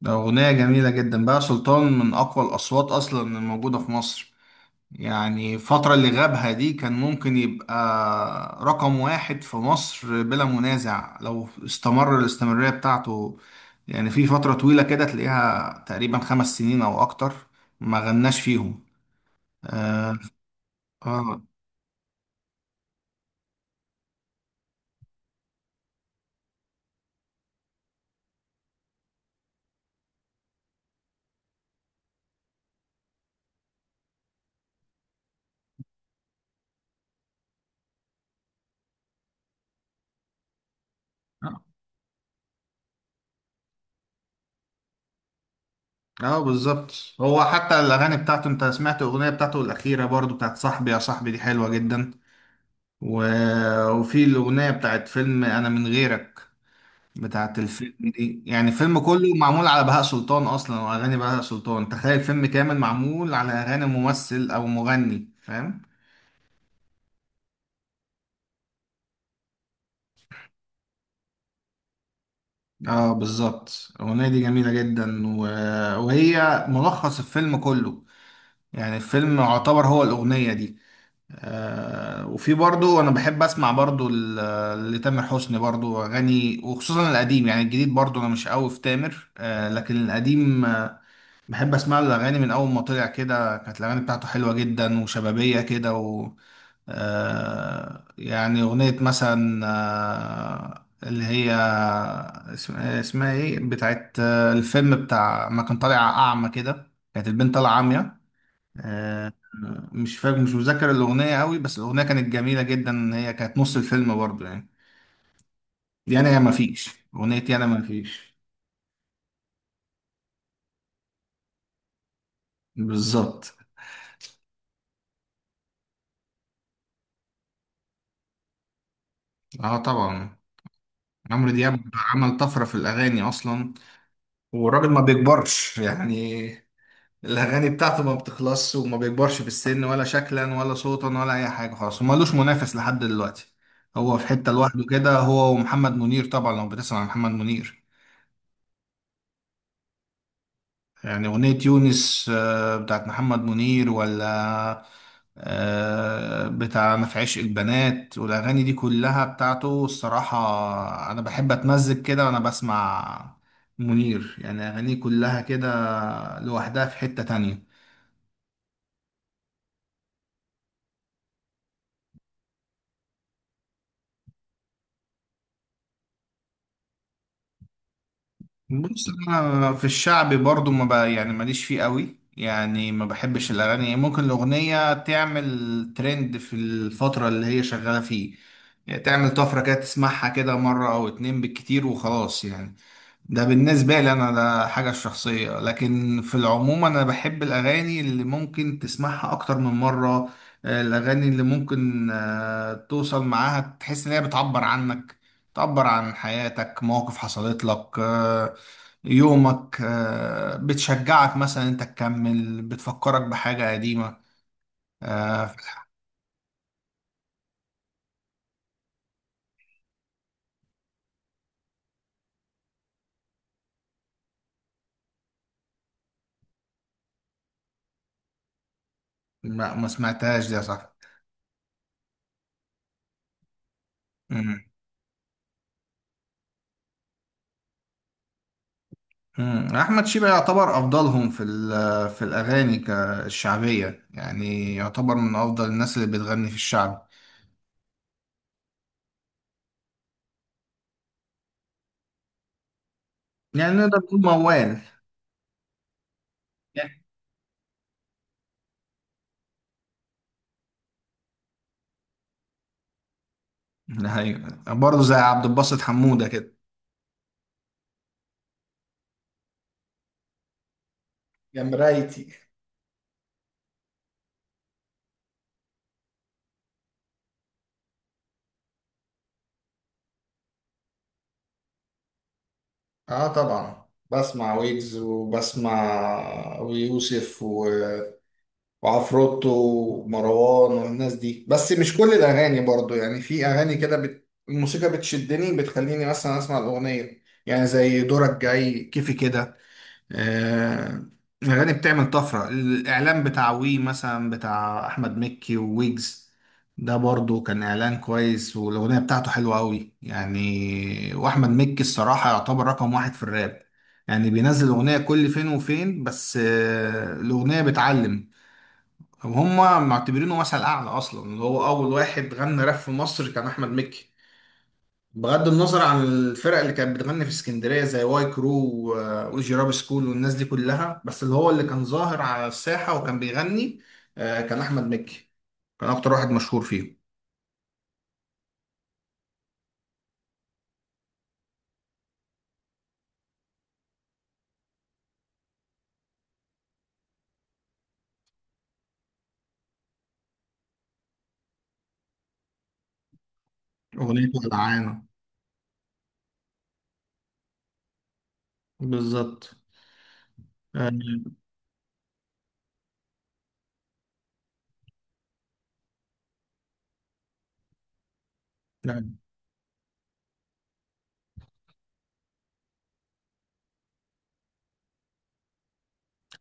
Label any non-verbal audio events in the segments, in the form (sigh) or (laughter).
ده أغنية جميلة جدا. بقى سلطان من أقوى الأصوات أصلا الموجودة في مصر. يعني الفترة اللي غابها دي كان ممكن يبقى رقم واحد في مصر بلا منازع لو استمر الاستمرارية بتاعته. يعني في فترة طويلة كده تلاقيها تقريبا 5 سنين أو أكتر ما غناش فيهم. آه. آه. آه. بالظبط. هو حتى الأغاني بتاعته، أنت سمعت الأغنية بتاعته الأخيرة برضو بتاعت صاحبي يا صاحبي؟ دي حلوة جدا. و... وفي الأغنية بتاعت فيلم أنا من غيرك، بتاعت الفيلم دي، يعني الفيلم كله معمول على بهاء سلطان أصلا، وأغاني بهاء سلطان. تخيل فيلم كامل معمول على أغاني ممثل أو مغني، فاهم؟ اه، بالظبط. الأغنية دي جميلة جدا وهي ملخص الفيلم كله. يعني الفيلم يعتبر هو الأغنية دي. وفي برضو أنا بحب أسمع برضو لتامر حسني برضو أغاني، وخصوصا القديم. يعني الجديد برضو أنا مش قوي في تامر، آه، لكن القديم بحب اسمع له الاغاني من اول ما طلع كده. كانت الاغاني بتاعته حلوه جدا وشبابيه كده. و آه يعني اغنيه مثلا، اللي هي اسمها ايه، بتاعت الفيلم بتاع ما كان طالع اعمى كده، كانت البنت طالعه عاميه. آه، مش فاكر، مش مذاكر الاغنيه قوي، بس الاغنيه كانت جميله جدا، هي كانت نص الفيلم برضه يعني. دي انا يا ما فيش، اغنيه يا انا ما فيش. بالظبط. اه طبعا. عمرو دياب عمل طفرة في الأغاني أصلا، والراجل ما بيكبرش يعني. الاغاني بتاعته ما بتخلصش، وما بيكبرش في السن، ولا شكلا ولا صوتا ولا اي حاجه خالص، ومالوش منافس لحد دلوقتي. هو في حته لوحده كده، هو ومحمد منير طبعا، لو بتسمع عن محمد منير. يعني اغنيه يونس، بتاعت محمد منير، ولا بتاع ما في عشق البنات والاغاني دي كلها بتاعته. الصراحه انا بحب اتمزج كده وانا بسمع منير، يعني اغانيه كلها كده لوحدها في حته تانية. بص، انا في الشعبي برضو ما بقى يعني ماليش فيه قوي، يعني ما بحبش الاغاني. ممكن الاغنيه تعمل ترند في الفتره اللي هي شغاله فيه، يعني تعمل طفره كده، تسمعها كده مره او اتنين بالكتير وخلاص يعني. ده بالنسبة لي أنا، ده حاجة شخصية. لكن في العموم أنا بحب الأغاني اللي ممكن تسمعها أكتر من مرة. الأغاني اللي ممكن توصل معاها، تحس إن هي بتعبر عنك، تعبر عن حياتك، مواقف حصلت لك، يومك، بتشجعك مثلا أنت تكمل، بتفكرك بحاجة قديمة آه، ما سمعتهاش دي يا صاحبي. احمد شيبة يعتبر افضلهم في الاغاني الشعبيه، يعني يعتبر من افضل الناس اللي بتغني في الشعب. يعني نقدر نقول موال. ايوه، برضه زي عبد الباسط حموده كده. يا مرايتي. اه طبعا. بسمع ويجز، وبسمع ويوسف، وعفروتو ومروان والناس دي، بس مش كل الاغاني برضو يعني. في اغاني كده الموسيقى بتشدني، بتخليني مثلا اسمع الاغنيه، يعني زي دورك جاي، كيفي كده. آه، الأغاني بتعمل طفرة. الإعلان بتاع وي مثلا، بتاع أحمد مكي وويجز، ده برضو كان إعلان كويس، والأغنية بتاعته حلوة أوي يعني. وأحمد مكي الصراحة يعتبر رقم واحد في الراب. يعني بينزل أغنية كل فين وفين، بس الأغنية بتعلم. وهم معتبرينه مثل أعلى أصلا. اللي هو أول واحد غنى راب في مصر كان أحمد مكي، بغض النظر عن الفرق اللي كانت بتغني في اسكندريه زي واي كرو والجيراب سكول والناس دي كلها، بس اللي هو اللي كان ظاهر على الساحه وكان بيغني، كان احمد مكي. كان اكتر واحد مشهور فيه. اغنيته العانه. بالظبط. آه،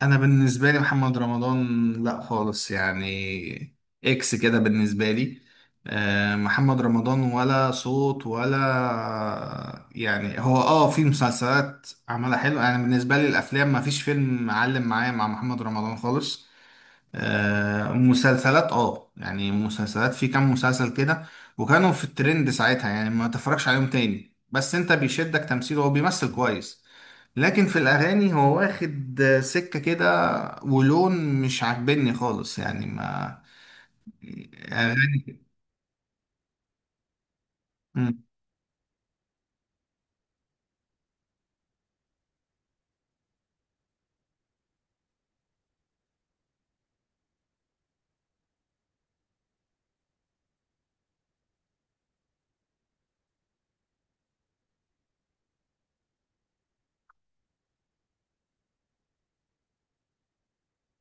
انا بالنسبه لي محمد رمضان لا خالص يعني، اكس كده بالنسبه لي. محمد رمضان ولا صوت، ولا يعني. هو اه في مسلسلات عملها حلو. انا بالنسبه لي الافلام ما فيش فيلم معلم معايا مع محمد رمضان خالص. مسلسلات اه، يعني مسلسلات في كام مسلسل كده وكانوا في الترند ساعتها، يعني ما تفرجش عليهم تاني، بس انت بيشدك تمثيله، هو بيمثل كويس. لكن في الاغاني هو واخد، سكة كده ولون مش عاجبني خالص يعني. ما يعني اغاني. مم.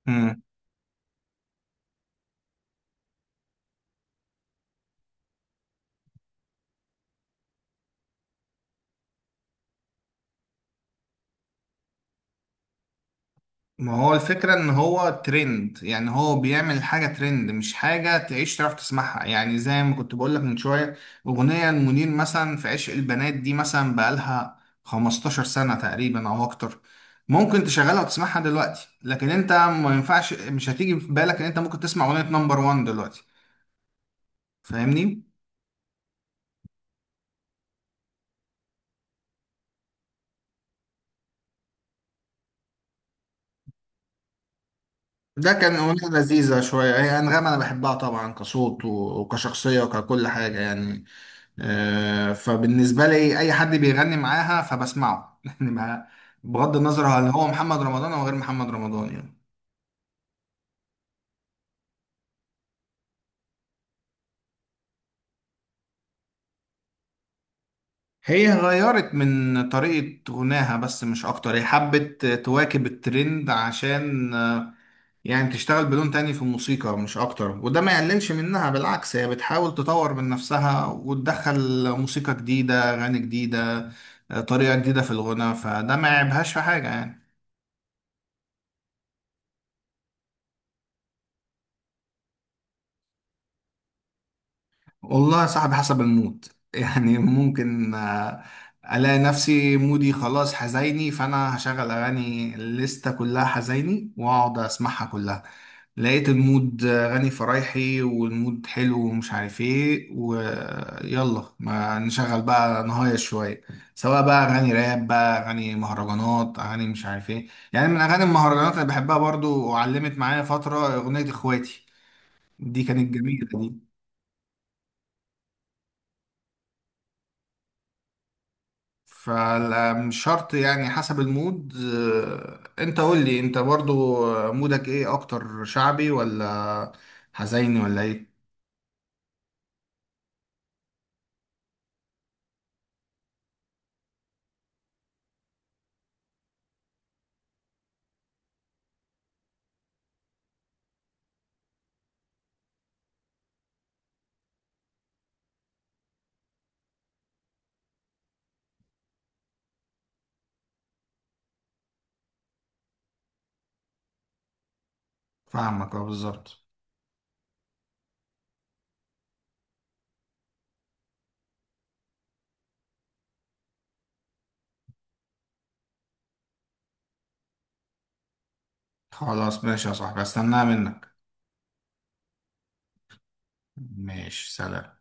مم. ما هو الفكرة ان هو ترند، يعني هو بيعمل حاجة ترند، مش حاجة تعيش تعرف تسمعها. يعني زي ما كنت بقولك من شوية، اغنية المنير مثلا في عشق البنات دي مثلا بقالها 15 سنة تقريبا او اكتر. ممكن تشغلها وتسمعها دلوقتي، لكن انت ما ينفعش، مش هتيجي في بالك ان انت ممكن تسمع اغنية نمبر وان دلوقتي. فاهمني؟ ده كان أغنية لذيذة شوية. هي أنغام أنا بحبها طبعا، كصوت وكشخصية وككل حاجة يعني. فبالنسبة لي أي حد بيغني معاها فبسمعه (laughs) يعني بغض النظر هل هو محمد رمضان أو غير محمد رمضان يعني. هي غيرت من طريقة غناها بس، مش أكتر. هي حبت تواكب الترند عشان يعني تشتغل بلون تاني في الموسيقى مش أكتر، وده ما يقللش منها. بالعكس هي بتحاول تطور من نفسها، وتدخل موسيقى جديدة، أغاني جديدة، طريقة جديدة في الغناء، فده ما يعيبهاش في حاجة يعني. والله يا صاحبي حسب المود (laughs) يعني ممكن ألاقي نفسي مودي خلاص حزيني، فأنا هشغل أغاني الليستة كلها حزيني وأقعد أسمعها كلها. لقيت المود غني فرايحي، والمود حلو ومش عارف ايه، ويلا ما نشغل بقى نهاية شوية، سواء بقى أغاني راب، بقى أغاني مهرجانات، أغاني مش عارف ايه. يعني من أغاني المهرجانات اللي بحبها برضو وعلمت معايا فترة أغنية إخواتي، دي كانت جميلة دي. فمش شرط يعني، حسب المود. انت قول لي انت برضو، مودك ايه اكتر، شعبي ولا حزيني ولا ايه؟ فاهمك اه، بالظبط. خلاص ماشي يا صاحبي، استناها منك. ماشي، سلام.